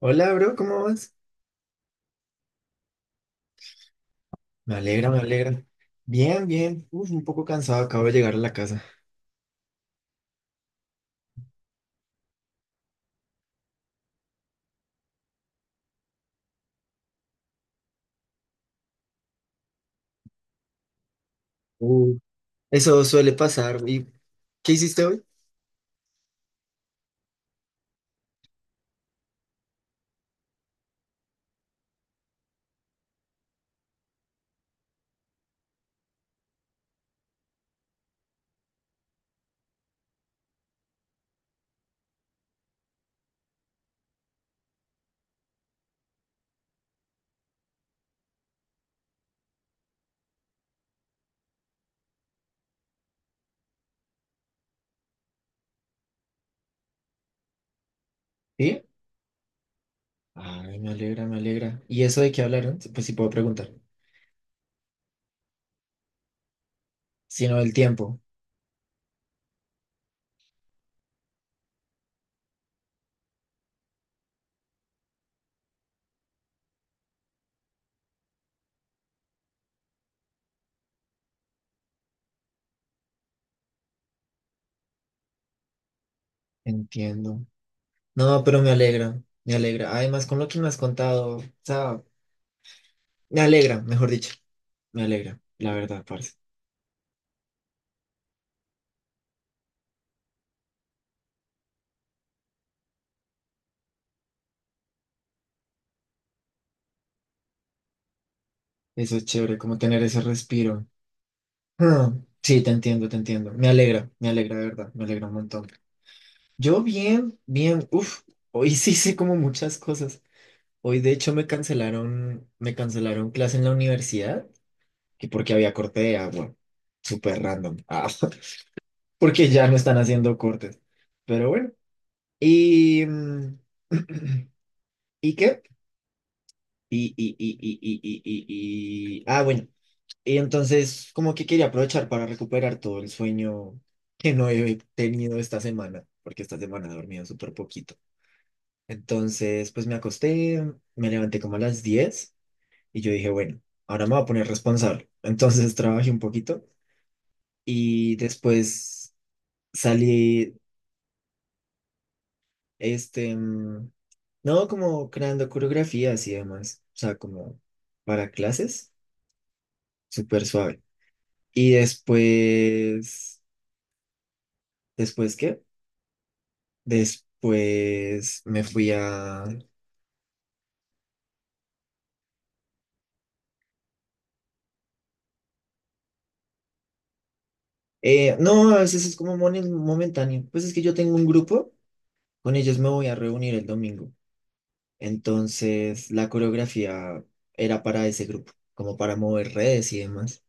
Hola, bro, ¿cómo vas? Me alegra, me alegra. Bien, bien. Uf, un poco cansado, acabo de llegar a la casa. Uh, Eso suele pasar. ¿Y qué hiciste hoy? ¿Sí? Ay, me alegra, me alegra. ¿Y eso de qué hablaron? Pues sí puedo preguntar. Si no, el tiempo. Entiendo. No, pero me alegra, me alegra. Además, con lo que me has contado, o sea, me alegra, mejor dicho. Me alegra, la verdad, parce. Eso es chévere, como tener ese respiro. Ah, sí, te entiendo, te entiendo. Me alegra, de verdad, me alegra un montón. Yo bien, bien, uff, hoy sí hice como muchas cosas. Hoy de hecho me cancelaron clase en la universidad, que porque había corte de agua, súper random. Ah, porque ya no están haciendo cortes. Pero bueno, y ¿y qué? Bueno, y entonces como que quería aprovechar para recuperar todo el sueño que no he tenido esta semana, porque esta semana he dormido súper poquito. Entonces, pues me acosté, me levanté como a las 10 y yo dije, bueno, ahora me voy a poner responsable. Entonces trabajé un poquito y después salí, este, mm, no, como creando coreografías y demás, o sea, como para clases, súper suave. Y después, ¿después qué? Después me fui a... no, a veces es como momentáneo. Pues es que yo tengo un grupo, con ellos me voy a reunir el domingo. Entonces, la coreografía era para ese grupo, como para mover redes y demás.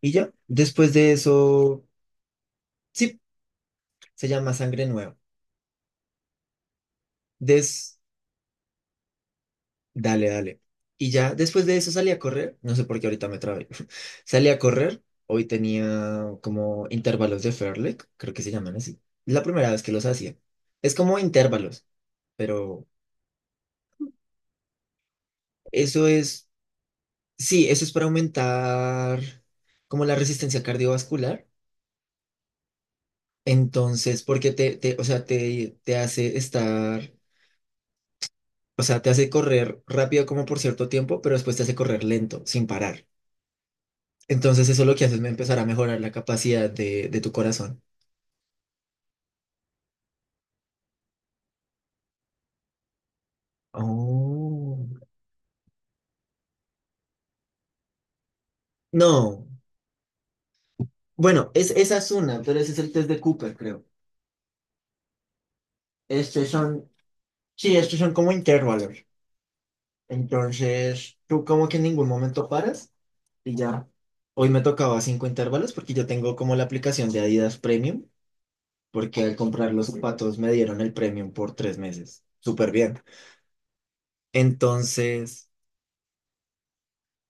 Y ya, después de eso, sí, se llama Sangre Nueva. Des, dale, dale. Y ya, después de eso salí a correr, no sé por qué ahorita me trabé. Salí a correr, hoy tenía como intervalos de Fairlek, creo que se llaman así. La primera vez que los hacía. Es como intervalos, pero eso es, sí, eso es para aumentar como la resistencia cardiovascular. Entonces, porque te, o sea, te hace estar, o sea, te hace correr rápido como por cierto tiempo, pero después te hace correr lento, sin parar. Entonces, eso lo que hace es empezar a mejorar la capacidad de tu corazón. Oh. No. Bueno, esa es una, pero ese es el test de Cooper, creo. Estos son, sí, estos son como intervalos. Entonces, tú como que en ningún momento paras y ya. Hoy me tocaba cinco intervalos porque yo tengo como la aplicación de Adidas Premium, porque al comprar los zapatos me dieron el premium por 3 meses. Súper bien. Entonces,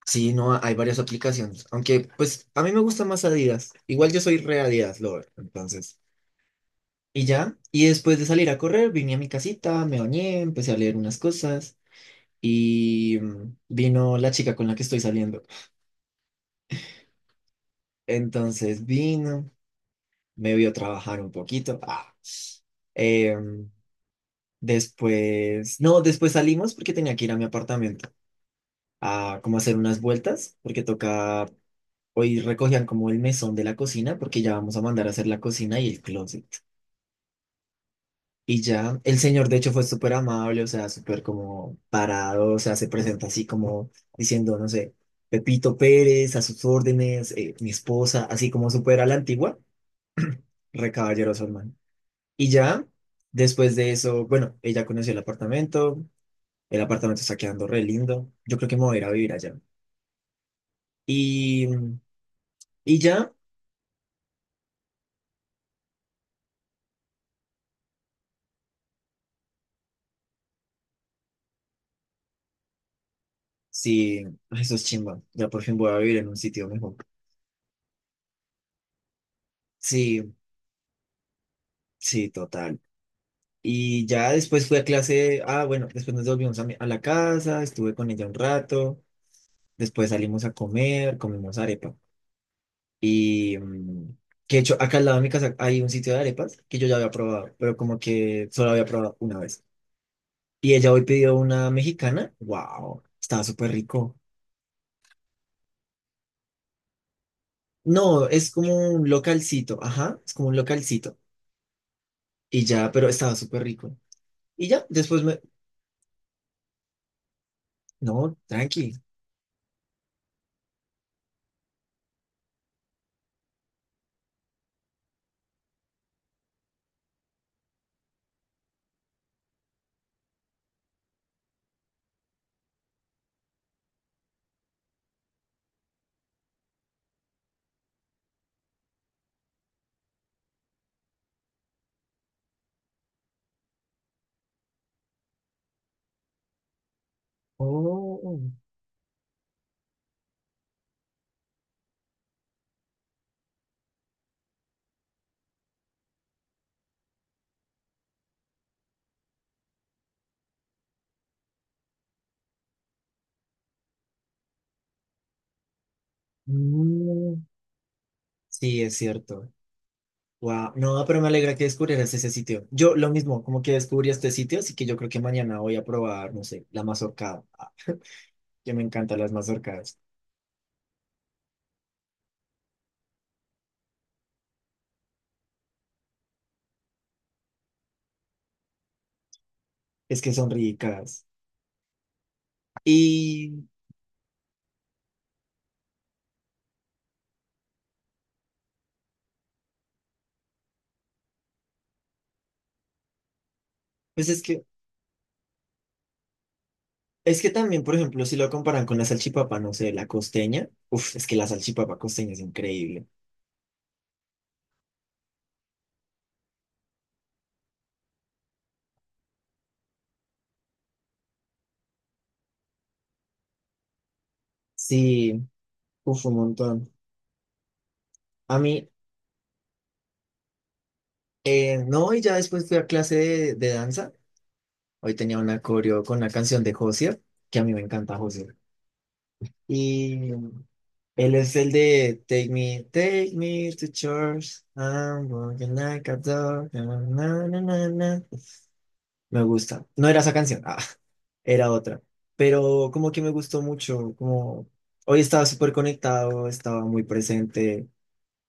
sí, no, hay varias aplicaciones. Aunque, pues, a mí me gusta más Adidas. Igual yo soy re Adidas lover, entonces. Y ya, y después de salir a correr, vine a mi casita, me bañé, empecé a leer unas cosas y vino la chica con la que estoy saliendo. Entonces vino, me vio trabajar un poquito. Ah. Em, después, no, después salimos porque tenía que ir a mi apartamento, a como hacer unas vueltas, porque toca, hoy recogían como el mesón de la cocina, porque ya vamos a mandar a hacer la cocina y el closet. Y ya, el señor de hecho fue súper amable, o sea, súper como parado, o sea, se presenta así como diciendo, no sé, Pepito Pérez, a sus órdenes, mi esposa, así como súper a la antigua, re caballeroso, hermano. Y ya, después de eso, bueno, ella conoció el apartamento está quedando re lindo, yo creo que me voy a ir a vivir allá. Y, y ya, sí, eso es chimba. Ya por fin voy a vivir en un sitio mejor. Sí, sí, total. Y ya después fui a clase. Ah, bueno, después nos volvimos a la casa, estuve con ella un rato. Después salimos a comer, comimos arepa. Y que de hecho, acá al lado de mi casa hay un sitio de arepas que yo ya había probado, pero como que solo había probado una vez. Y ella hoy pidió una mexicana. ¡Wow! Estaba súper rico. No, es como un localcito. Ajá, es como un localcito. Y ya, pero estaba súper rico. Y ya, después me... No, tranqui. Oh, mm, sí, es cierto. Wow, no, pero me alegra que descubrieras ese sitio. Yo lo mismo, como que descubrí este sitio, así que yo creo que mañana voy a probar, no sé, la mazorcada. Ah, que me encantan las mazorcadas. Es que son ricas. Y pues es que también, por ejemplo, si lo comparan con la salchipapa, no sé, la costeña. Uf, es que la salchipapa costeña es increíble. Sí, uf, un montón. A mí, no, y ya después fui a clase de danza. Hoy tenía una coreo con una canción de Josier, que a mí me encanta Josier. Y él es el de take me to church. I'm walking like a dog. Na, na, na, na, na. Me gusta. No era esa canción, ah, era otra. Pero como que me gustó mucho, como hoy estaba súper conectado, estaba muy presente.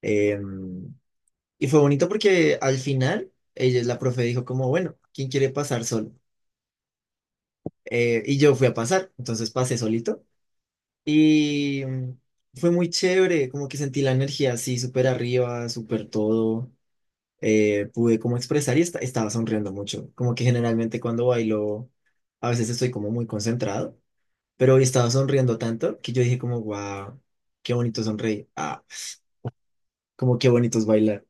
em, y fue bonito porque al final ella, la profe dijo como, bueno, ¿quién quiere pasar solo? Y yo fui a pasar, entonces pasé solito. Y mm, fue muy chévere, como que sentí la energía así, súper arriba, súper todo. Pude como expresar y estaba sonriendo mucho. Como que generalmente cuando bailo, a veces estoy como muy concentrado, pero hoy estaba sonriendo tanto que yo dije como, wow, qué bonito sonreír. Ah, como qué bonito es bailar.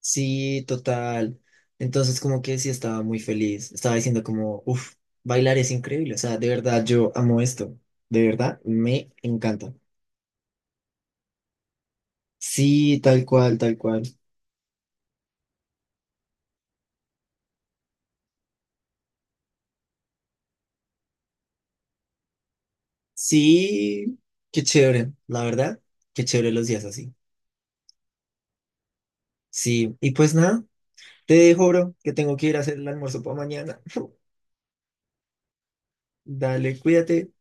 Sí, total. Entonces como que sí estaba muy feliz. Estaba diciendo como, uff, bailar es increíble. O sea, de verdad yo amo esto. De verdad, me encanta. Sí, tal cual, tal cual. Sí, qué chévere, la verdad, qué chévere los días así. Sí, y pues nada, te dejo, bro, que tengo que ir a hacer el almuerzo para mañana. Dale, cuídate.